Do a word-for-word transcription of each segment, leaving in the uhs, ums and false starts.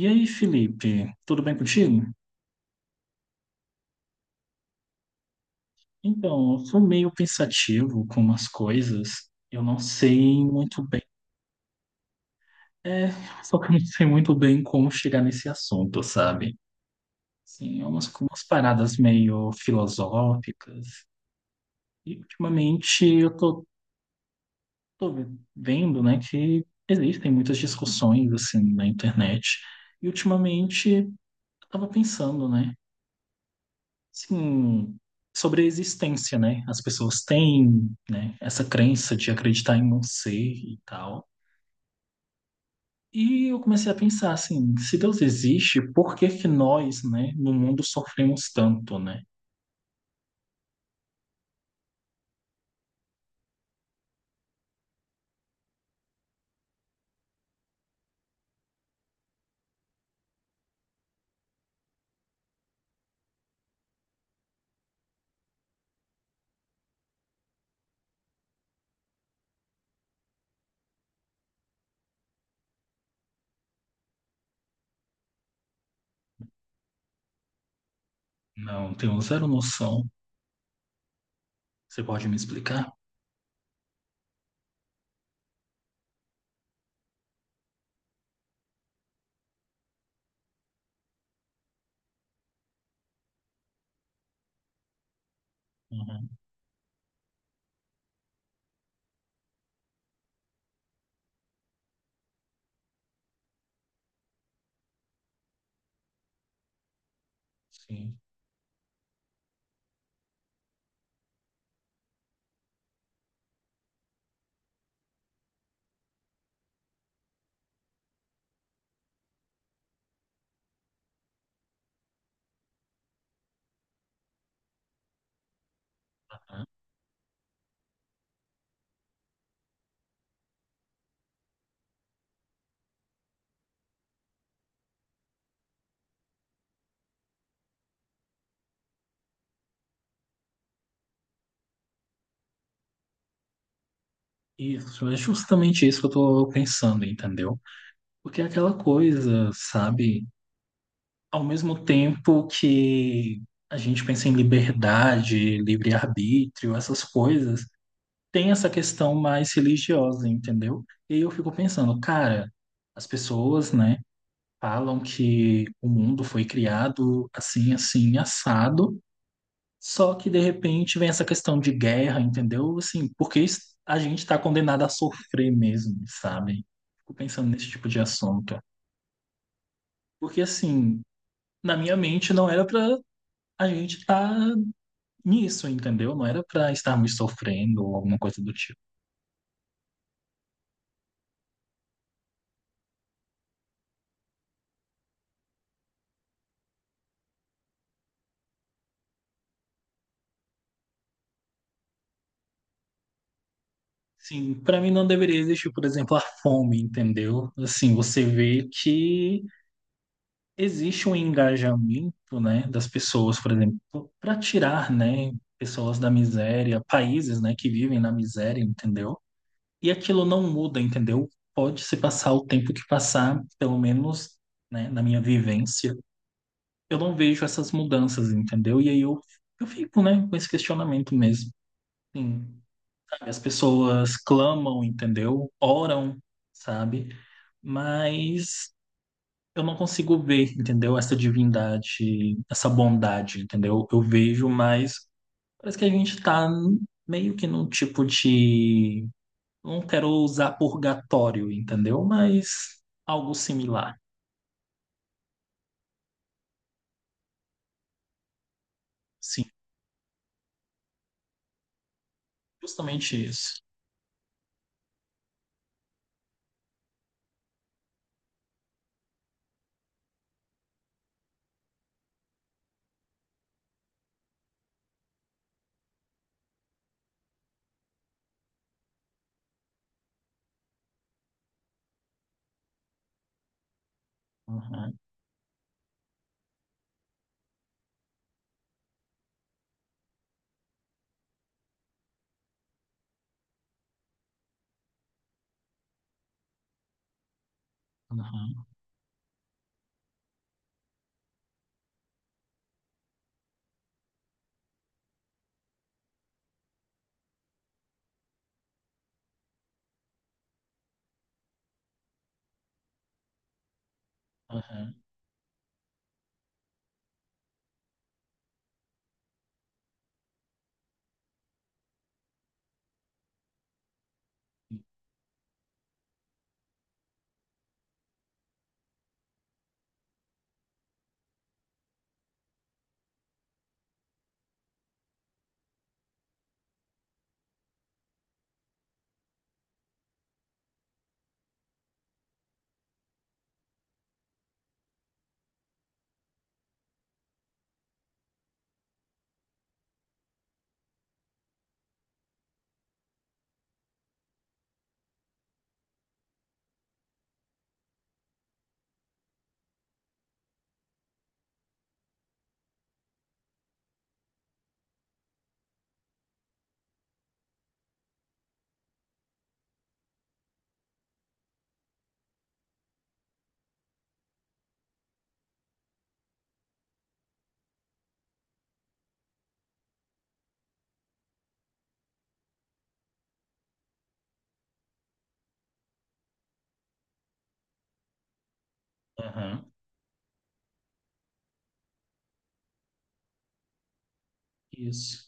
E aí, Felipe, tudo bem contigo? Então, eu fui meio pensativo com umas coisas. Eu não sei muito bem. É, só que eu não sei muito bem como chegar nesse assunto, sabe? Sim, umas, umas paradas meio filosóficas. E ultimamente eu tô, tô vendo, né, que existem muitas discussões assim na internet. E ultimamente eu tava pensando, né? Sim, sobre a existência, né? As pessoas têm, né, essa crença de acreditar em um ser e tal. E eu comecei a pensar assim, se Deus existe, por que que nós, né, no mundo sofremos tanto, né? Não, tenho zero noção. Você pode me explicar? Uhum, sim. Uhum. Isso, é justamente isso que eu tô pensando, entendeu? Porque é aquela coisa, sabe? Ao mesmo tempo que a gente pensa em liberdade, livre-arbítrio, essas coisas, tem essa questão mais religiosa, entendeu? E eu fico pensando, cara, as pessoas, né, falam que o mundo foi criado assim, assim, assado, só que de repente vem essa questão de guerra, entendeu? Assim, porque isso- a gente está condenado a sofrer mesmo, sabe? Fico pensando nesse tipo de assunto. Porque assim, na minha mente não era para a gente estar nisso, entendeu? Não era para estarmos sofrendo ou alguma coisa do tipo. Sim, para mim não deveria existir, por exemplo, a fome, entendeu? Assim, você vê que existe um engajamento, né, das pessoas, por exemplo, para tirar, né, pessoas da miséria, países, né, que vivem na miséria, entendeu? E aquilo não muda, entendeu? Pode se passar o tempo que passar, pelo menos, né, na minha vivência, eu não vejo essas mudanças, entendeu? E aí eu, eu fico, né, com esse questionamento mesmo. Sim. As pessoas clamam, entendeu? Oram, sabe? Mas eu não consigo ver, entendeu? Essa divindade, essa bondade, entendeu? Eu vejo, mas parece que a gente tá meio que num tipo de. Não quero usar purgatório, entendeu? Mas algo similar. Sim, justamente isso. Aham, aham, aham, aham. Isso.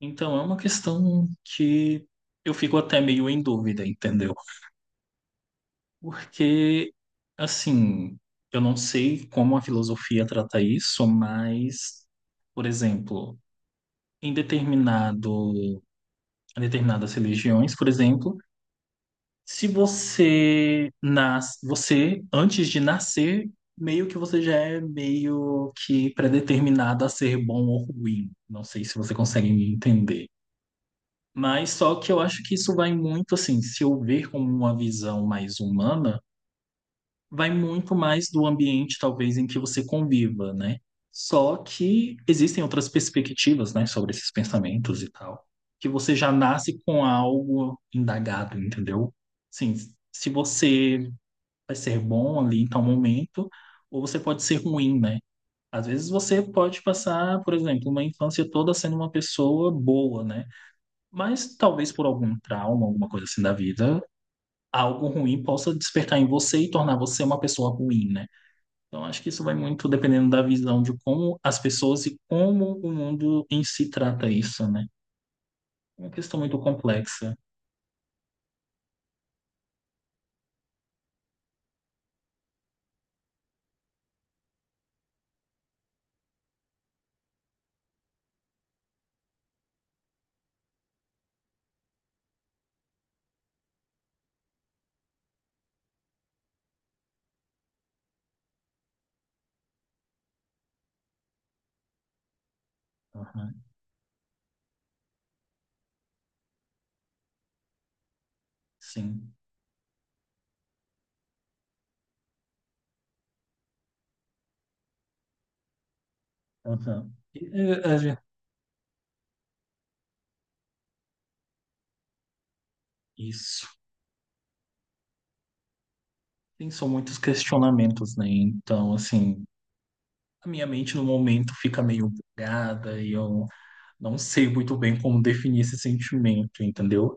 Então é uma questão que eu fico até meio em dúvida, entendeu? Porque, assim, eu não sei como a filosofia trata isso, mas, por exemplo, em determinado, em determinadas religiões, por exemplo, se você nasce, você, antes de nascer, meio que você já é meio que predeterminado a ser bom ou ruim. Não sei se você consegue me entender. Mas só que eu acho que isso vai muito assim, se eu ver como uma visão mais humana. Vai muito mais do ambiente, talvez, em que você conviva, né? Só que existem outras perspectivas, né, sobre esses pensamentos e tal, que você já nasce com algo indagado, entendeu? Sim, se você vai ser bom ali em tal momento, ou você pode ser ruim, né? Às vezes você pode passar, por exemplo, uma infância toda sendo uma pessoa boa, né? Mas talvez por algum trauma, alguma coisa assim da vida, algo ruim possa despertar em você e tornar você uma pessoa ruim, né? Então, acho que isso vai muito dependendo da visão de como as pessoas e como o mundo em si trata isso, né? É uma questão muito complexa. Aham, sim. Aham. E, é, é, é, Isso. Tem são muitos questionamentos, né? Então, assim, a minha mente no momento fica meio bugada e eu não sei muito bem como definir esse sentimento, entendeu?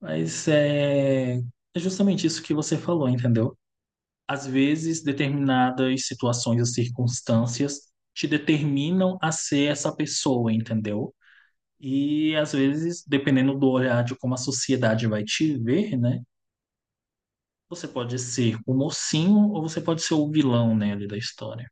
Mas é, é justamente isso que você falou, entendeu? Às vezes, determinadas situações ou circunstâncias te determinam a ser essa pessoa, entendeu? E às vezes, dependendo do olhar de como a sociedade vai te ver, né? Você pode ser o mocinho ou você pode ser o vilão, né, ali da história.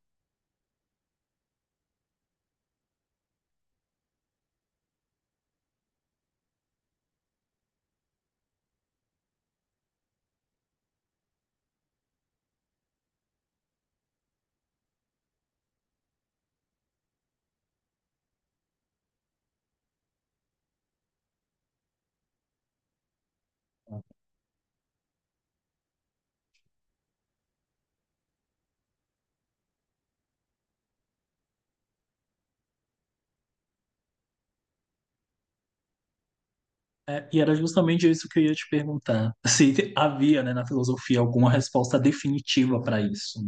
É, e era justamente isso que eu ia te perguntar. Se havia, né, na filosofia alguma resposta definitiva para isso.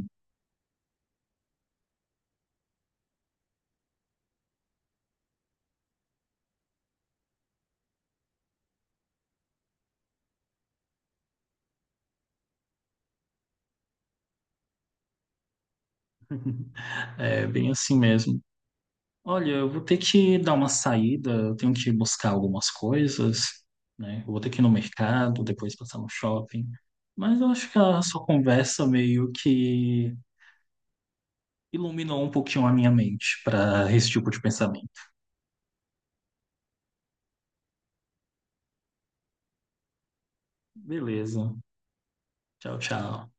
É bem assim mesmo. Olha, eu vou ter que dar uma saída, eu tenho que buscar algumas coisas, né? Eu vou ter que ir no mercado, depois passar no shopping. Mas eu acho que a sua conversa meio que iluminou um pouquinho a minha mente para esse tipo de pensamento. Beleza. Tchau, tchau.